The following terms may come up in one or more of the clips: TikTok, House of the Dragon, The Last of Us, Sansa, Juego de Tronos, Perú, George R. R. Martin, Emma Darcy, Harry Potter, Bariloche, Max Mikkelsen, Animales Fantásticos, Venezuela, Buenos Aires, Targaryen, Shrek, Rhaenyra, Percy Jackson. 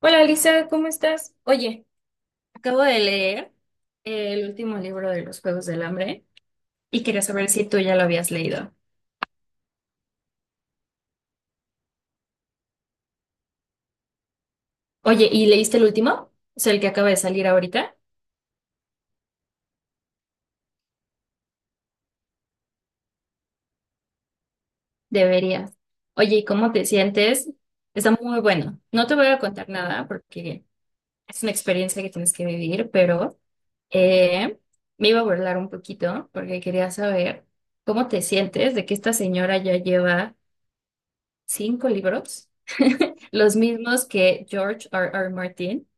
Hola Lisa, ¿cómo estás? Oye, acabo de leer el último libro de los Juegos del Hambre y quería saber si tú ya lo habías leído. Oye, ¿y leíste el último? O sea, el que acaba de salir ahorita. Deberías. Oye, ¿y cómo te sientes? Está muy bueno. No te voy a contar nada porque es una experiencia que tienes que vivir, pero eh, me iba a burlar un poquito porque quería saber cómo te sientes de que esta señora ya lleva cinco libros. Los mismos que George R. R. Martin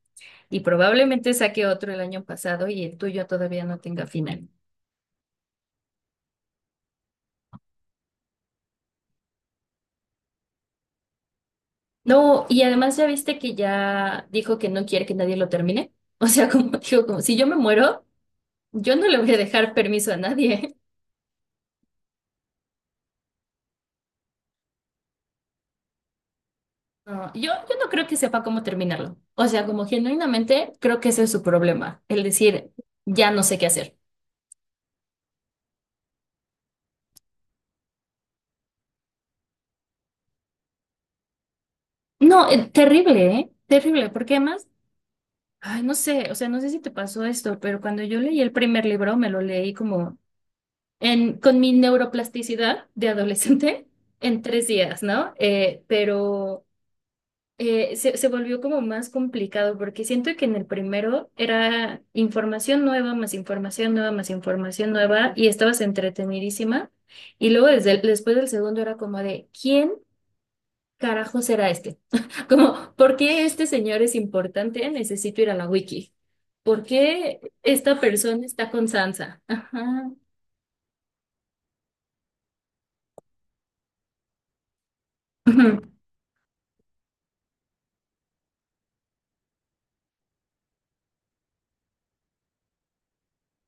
y probablemente saque otro el año pasado y el tuyo todavía no tenga final. No, y además ya viste que ya dijo que no quiere que nadie lo termine. O sea, como dijo, como si yo me muero, yo no le voy a dejar permiso a nadie. No, yo no creo que sepa cómo terminarlo. O sea, como genuinamente creo que ese es su problema, el decir, ya no sé qué hacer. No, terrible, ¿eh? Terrible, porque además ay, no sé, o sea, no sé si te pasó esto, pero cuando yo leí el primer libro, me lo leí como con mi neuroplasticidad de adolescente en tres días, ¿no? Pero se volvió como más complicado porque siento que en el primero era información nueva, más información nueva, más información nueva y estabas entretenidísima. Y luego después del segundo era como de, ¿quién carajo será este? Como, ¿por qué este señor es importante? Necesito ir a la wiki. ¿Por qué esta persona está con Sansa? Ajá. Ujú.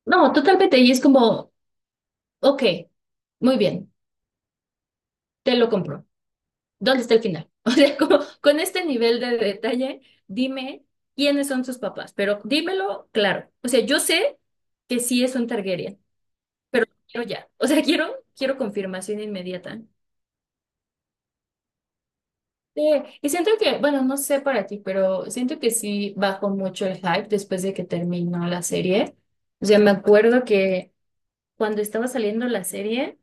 No, totalmente. Y es como, ok, muy bien, te lo compro. ¿Dónde está el final? O sea, como, con este nivel de detalle, dime quiénes son sus papás, pero dímelo claro. O sea, yo sé que sí es un Targaryen, pero quiero ya. O sea, quiero, quiero confirmación inmediata. Sí, y siento que, bueno, no sé para ti, pero siento que sí bajó mucho el hype después de que terminó la serie. O sea, me acuerdo que cuando estaba saliendo la serie,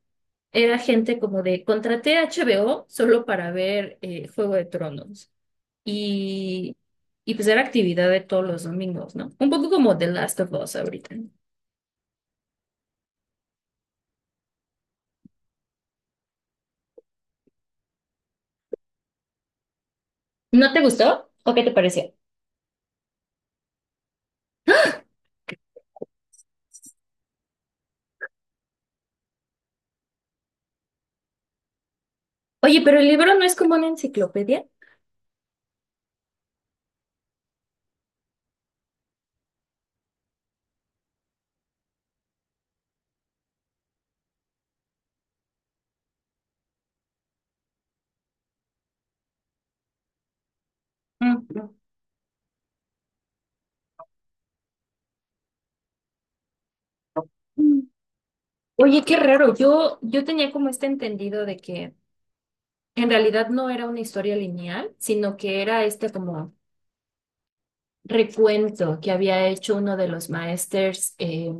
era gente como de, contraté HBO solo para ver Juego de Tronos. Y, y pues era actividad de todos los domingos, ¿no? Un poco como The Last of Us ahorita. ¿No te gustó? ¿O qué te pareció? Oye, pero el libro no es como una enciclopedia. Mm. Mm. Oye, qué raro. Yo tenía como este entendido de que en realidad no era una historia lineal, sino que era este como recuento que había hecho uno de los maestros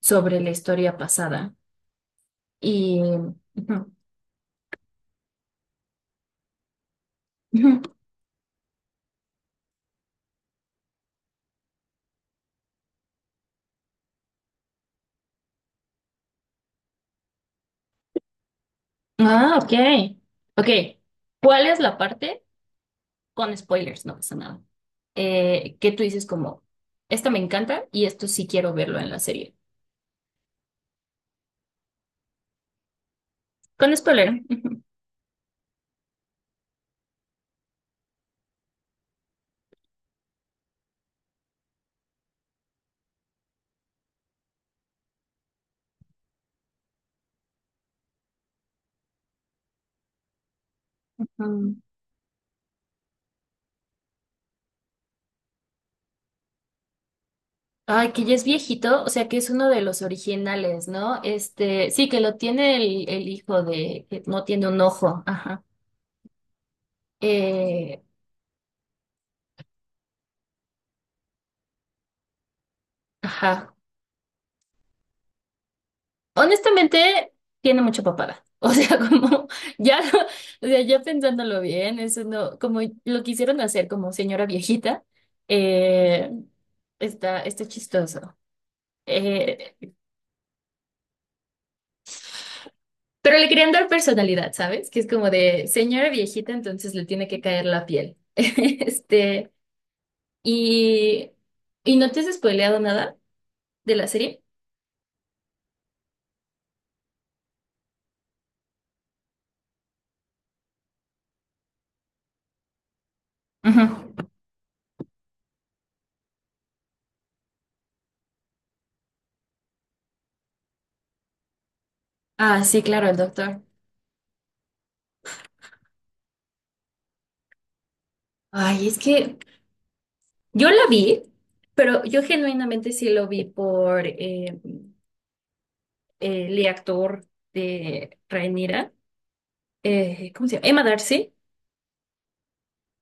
sobre la historia pasada. Y... ujú, ujú. Ah, ok. Ok. ¿Cuál es la parte? Con spoilers, no pasa nada. Que tú dices como, esta me encanta y esto sí quiero verlo en la serie. Con spoiler. Ujú. Ay, que ya es viejito, o sea que es uno de los originales, ¿no? Este, sí, que lo tiene el hijo de, que no tiene un ojo, ajá. Eh, ajá. Honestamente, tiene mucha papada. O sea, como ya, o sea, ya pensándolo bien, eso no, como lo quisieron hacer como señora viejita, eh, está, está chistoso. Eh, pero le querían dar personalidad, ¿sabes? Que es como de señora viejita, entonces le tiene que caer la piel. Este. ¿Y, y no te has spoileado nada de la serie? Ujú. Ah, sí, claro, el doctor. Ay, es que yo la vi, pero yo genuinamente sí lo vi por el actor de Rhaenyra, ¿cómo se llama? Emma Darcy.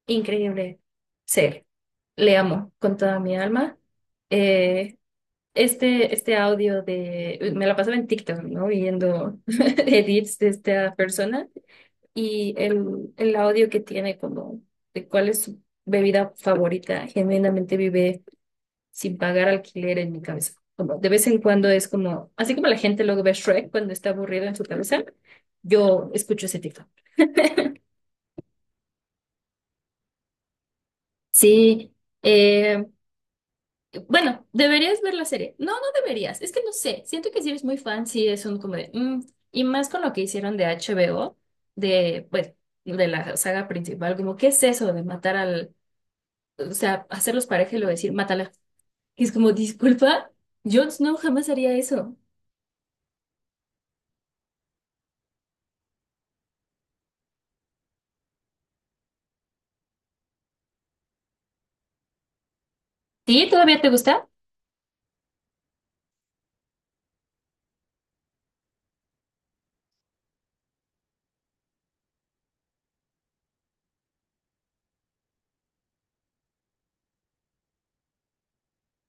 Increíble ser. Le amo con toda mi alma. Eh, este audio de... Me la pasaba en TikTok, ¿no? Viendo edits de esta persona. Y el audio que tiene como de cuál es su bebida favorita, genuinamente vive sin pagar alquiler en mi cabeza. Como de vez en cuando es como, así como la gente luego ve Shrek cuando está aburrido en su cabeza, yo escucho ese tipo. Sí, eh, bueno, deberías ver la serie. No, no deberías, es que no sé, siento que si eres muy fan, sí es un como de, mm, y más con lo que hicieron de HBO, de, pues de la saga principal, como, ¿qué es eso de matar al o sea, hacerlos pareja y luego decir, mátala? Y es como, disculpa, yo no jamás haría eso. ¿Sí? ¿Todavía te gusta?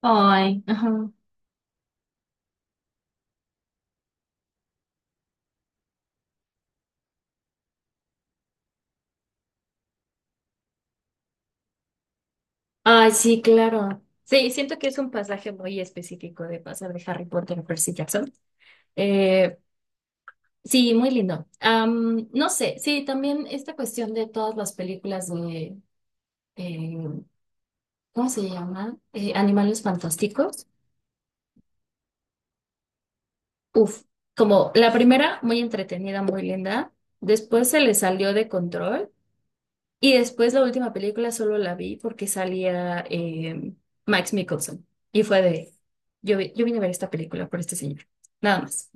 Ay, ajá. Ay, sí, claro. Sí, siento que es un pasaje muy específico de pasar de Harry Potter a Percy Jackson. Eh, sí, muy lindo. Am, no sé, sí, también esta cuestión de todas las películas de, eh, ¿cómo se llama? Animales Fantásticos. Uf, como la primera, muy entretenida, muy linda. Después se le salió de control y después la última película solo la vi porque salía Max Mikkelsen. Y fue de, yo vine a ver esta película por este señor. Nada más.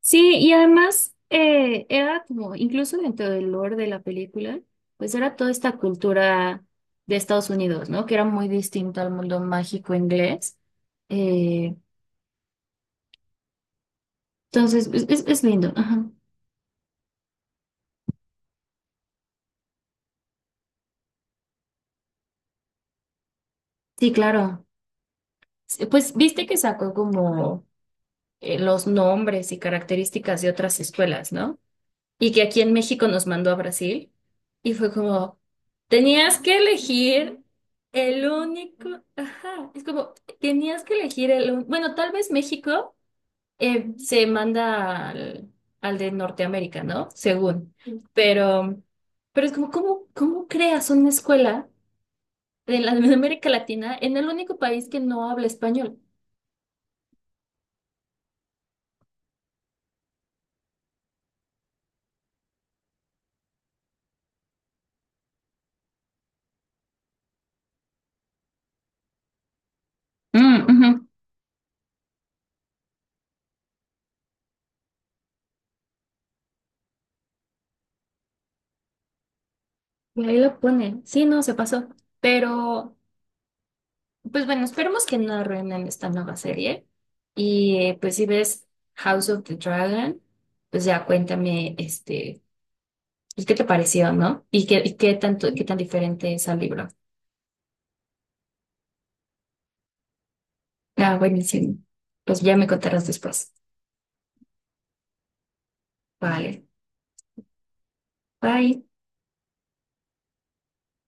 Sí, y además era como, incluso dentro del lore de la película, pues era toda esta cultura de Estados Unidos, ¿no? Que era muy distinta al mundo mágico inglés. Eh, entonces, es lindo. Ajá. Sí, claro. Sí, pues viste que sacó como los nombres y características de otras escuelas, ¿no? Y que aquí en México nos mandó a Brasil. Y fue como, tenías que elegir el único, ajá, es como, tenías que elegir bueno, tal vez México se manda al de Norteamérica, ¿no? Según, pero, pero es como, ¿cómo, cómo creas una escuela de la de América Latina en el único país que no habla español? Mm, ujú. Y ahí lo ponen, sí, no, se pasó, pero... Pues bueno, esperemos que no arruinen esta nueva serie. Y pues si ves House of the Dragon, pues ya cuéntame, este, pues, qué te pareció, ¿no? Y qué tanto, qué tan diferente es al libro. Ah, buenísimo. Pues ya me contarás después. Vale. Bye.